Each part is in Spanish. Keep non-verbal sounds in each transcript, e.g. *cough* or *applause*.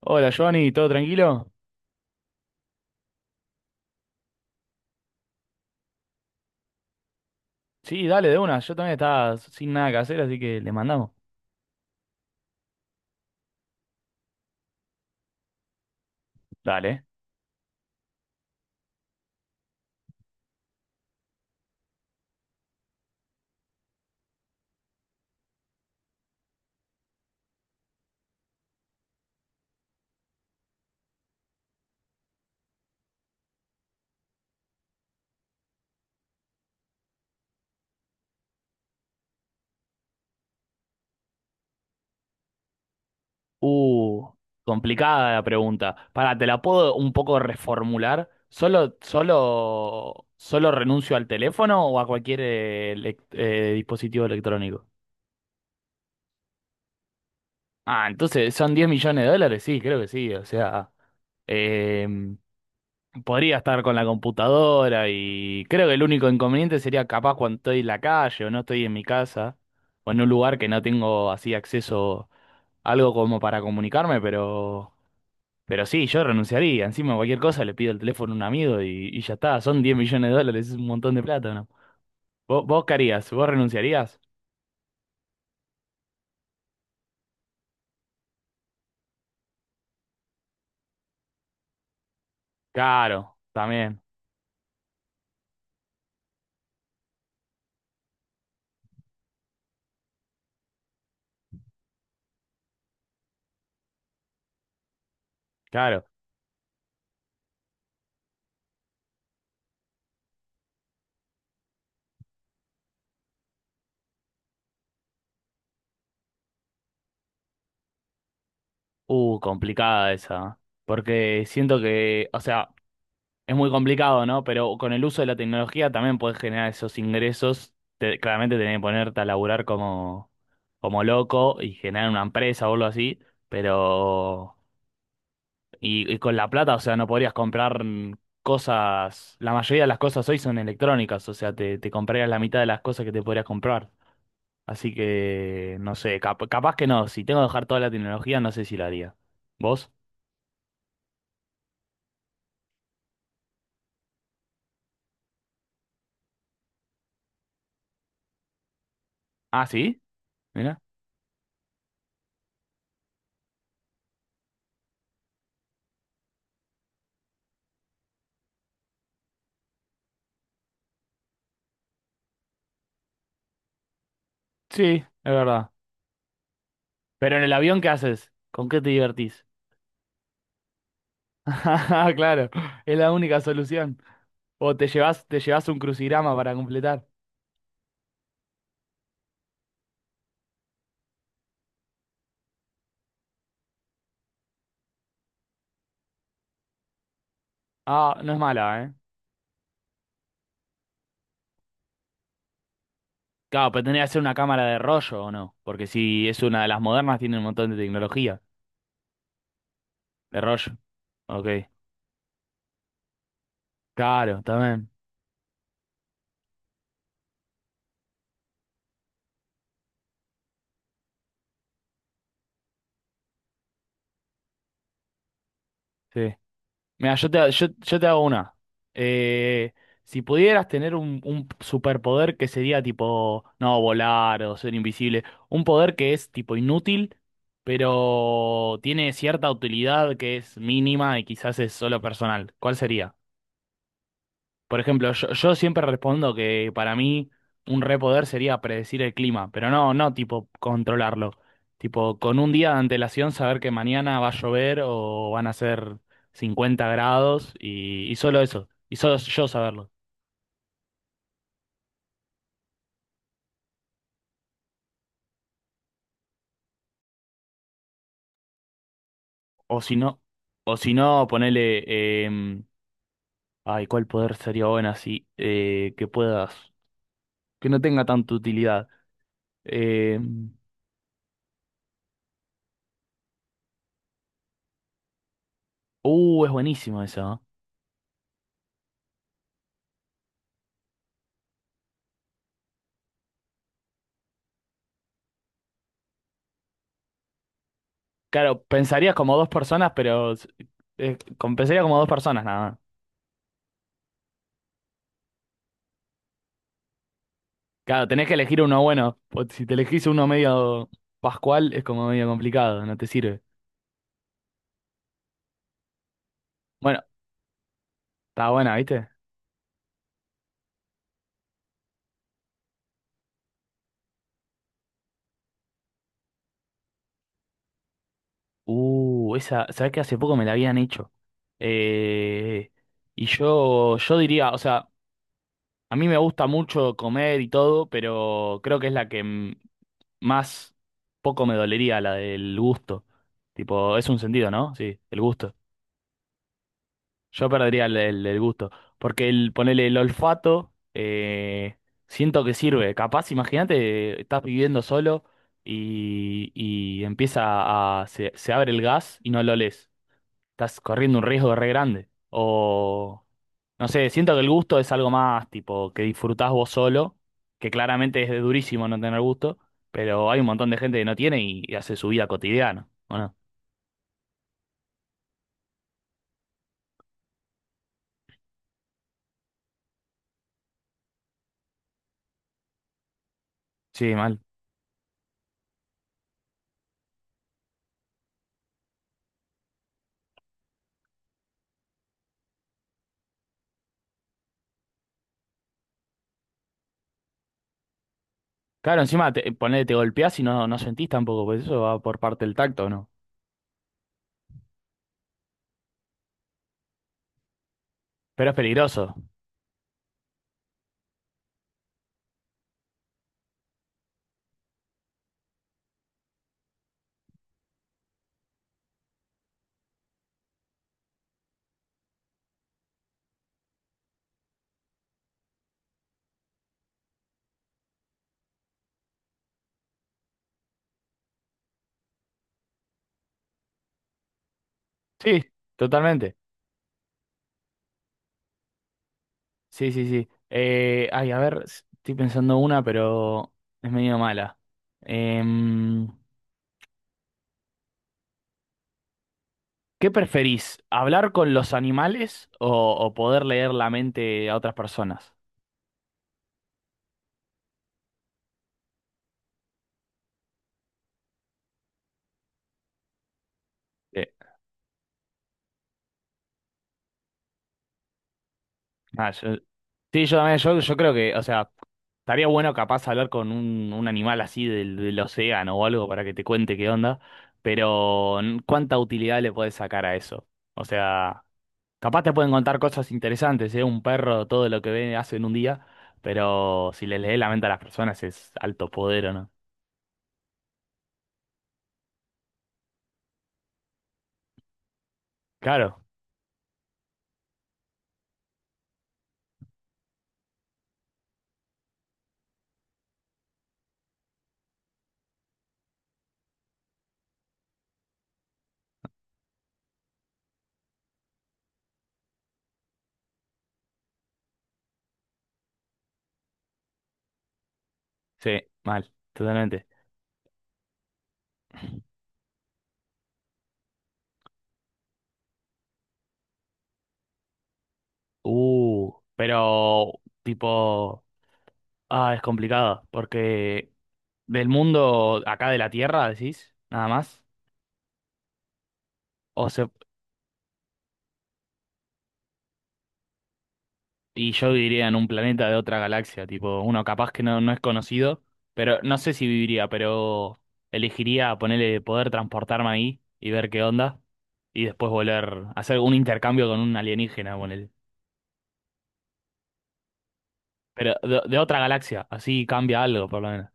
Hola Giovanni, ¿todo tranquilo? Sí, dale, de una. Yo también estaba sin nada que hacer, así que le mandamos. Dale. Uh, Complicada la pregunta. Pará, ¿te la puedo un poco reformular? ¿Solo renuncio al teléfono o a cualquier dispositivo electrónico? Ah, entonces son 10 millones de dólares, sí, creo que sí. O sea, podría estar con la computadora y creo que el único inconveniente sería capaz cuando estoy en la calle o no estoy en mi casa o en un lugar que no tengo así acceso a algo como para comunicarme, pero sí, yo renunciaría. Encima cualquier cosa le pido el teléfono a un amigo y ya está, son 10 millones de dólares, es un montón de plata, ¿no? ¿Vos qué harías? ¿Vos renunciarías? Claro, también, claro. Complicada esa, ¿eh? Porque siento que, o sea, es muy complicado, ¿no? Pero con el uso de la tecnología también puedes generar esos ingresos. Te- claramente tenés que ponerte a laburar como, como loco y generar una empresa o algo así. Pero. Y con la plata, o sea, no podrías comprar cosas. La mayoría de las cosas hoy son electrónicas, o sea, te comprarías la mitad de las cosas que te podrías comprar. Así que, no sé, cap- capaz que no. Si tengo que dejar toda la tecnología, no sé si lo haría. ¿Vos? Ah, sí, mira. Sí, es verdad. Pero en el avión, ¿qué haces? ¿Con qué te divertís? *laughs* Ah, claro, es la única solución. O te llevas un crucigrama para completar. Ah, no es mala, ¿eh? Claro, pero tendría que ser una cámara de rollo, ¿o no? Porque si es una de las modernas, tiene un montón de tecnología. De rollo. Ok. Claro, también. Sí. Mira, yo te hago una. Eh, si pudieras tener un superpoder que sería tipo, no, volar o ser invisible, un poder que es tipo inútil, pero tiene cierta utilidad que es mínima y quizás es solo personal, ¿cuál sería? Por ejemplo, yo siempre respondo que para mí un repoder sería predecir el clima, pero no, no tipo controlarlo. Tipo, con un día de antelación saber que mañana va a llover o van a ser 50 grados y solo eso, y solo yo saberlo. O si no, o si no, ponele, ay, ¿cuál poder sería bueno así? Que puedas, que no tenga tanta utilidad. Em, es buenísimo eso, ¿eh? Claro, pensarías como dos personas, pero pensaría como dos personas nada más. Claro, tenés que elegir uno bueno. O si te elegís uno medio pascual, es como medio complicado, no te sirve. Bueno, está buena, ¿viste? Esa, ¿sabés que hace poco me la habían hecho? Eh, y yo diría, o sea, a mí me gusta mucho comer y todo, pero creo que es la que m- más poco me dolería, la del gusto. Tipo, es un sentido, ¿no? Sí, el gusto. Yo perdería el gusto. Porque el ponerle el olfato, siento que sirve. Capaz, imagínate, estás viviendo solo y empieza a. Se abre el gas y no lo lees. Estás corriendo un riesgo re grande. O. No sé, siento que el gusto es algo más tipo que disfrutás vos solo, que claramente es durísimo no tener gusto, pero hay un montón de gente que no tiene y hace su vida cotidiana. Bueno, sí, mal. Claro, encima te, ponele, te golpeás y no, no sentís tampoco, pues eso va por parte del tacto, ¿no? Pero es peligroso. Sí, totalmente. Sí, sí, sí. Ay, a ver, s- estoy pensando una, pero es medio mala. Em, ¿Qué preferís? ¿Hablar con los animales o poder leer la mente a otras personas? Sí. Ah, yo- sí, yo también, yo creo que, o sea, estaría bueno capaz hablar con un animal así del, del océano o algo para que te cuente qué onda, pero n- ¿cuánta utilidad le puedes sacar a eso? O sea, capaz te pueden contar cosas interesantes, ¿eh? Un perro, todo lo que ve hace en un día, pero si le lees la mente a las personas es alto poder, ¿o no? Claro, sí, mal, totalmente. Pero tipo... Ah, es complicado, porque del mundo acá de la Tierra, decís, nada más. O se, y yo viviría en un planeta de otra galaxia, tipo, uno capaz que no, no es conocido, pero no sé si viviría, pero elegiría ponerle poder transportarme ahí y ver qué onda, y después volver a hacer un intercambio con un alienígena, ponele. Pero de otra galaxia, así cambia algo, por lo menos.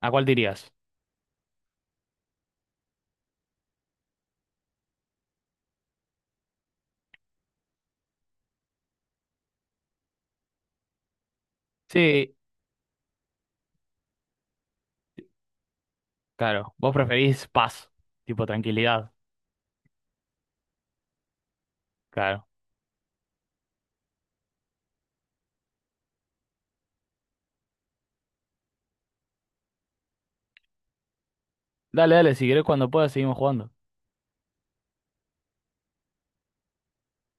¿A cuál te irías? Sí, claro, vos preferís paz, tipo tranquilidad, claro. Dale, dale, si querés cuando puedas seguimos jugando.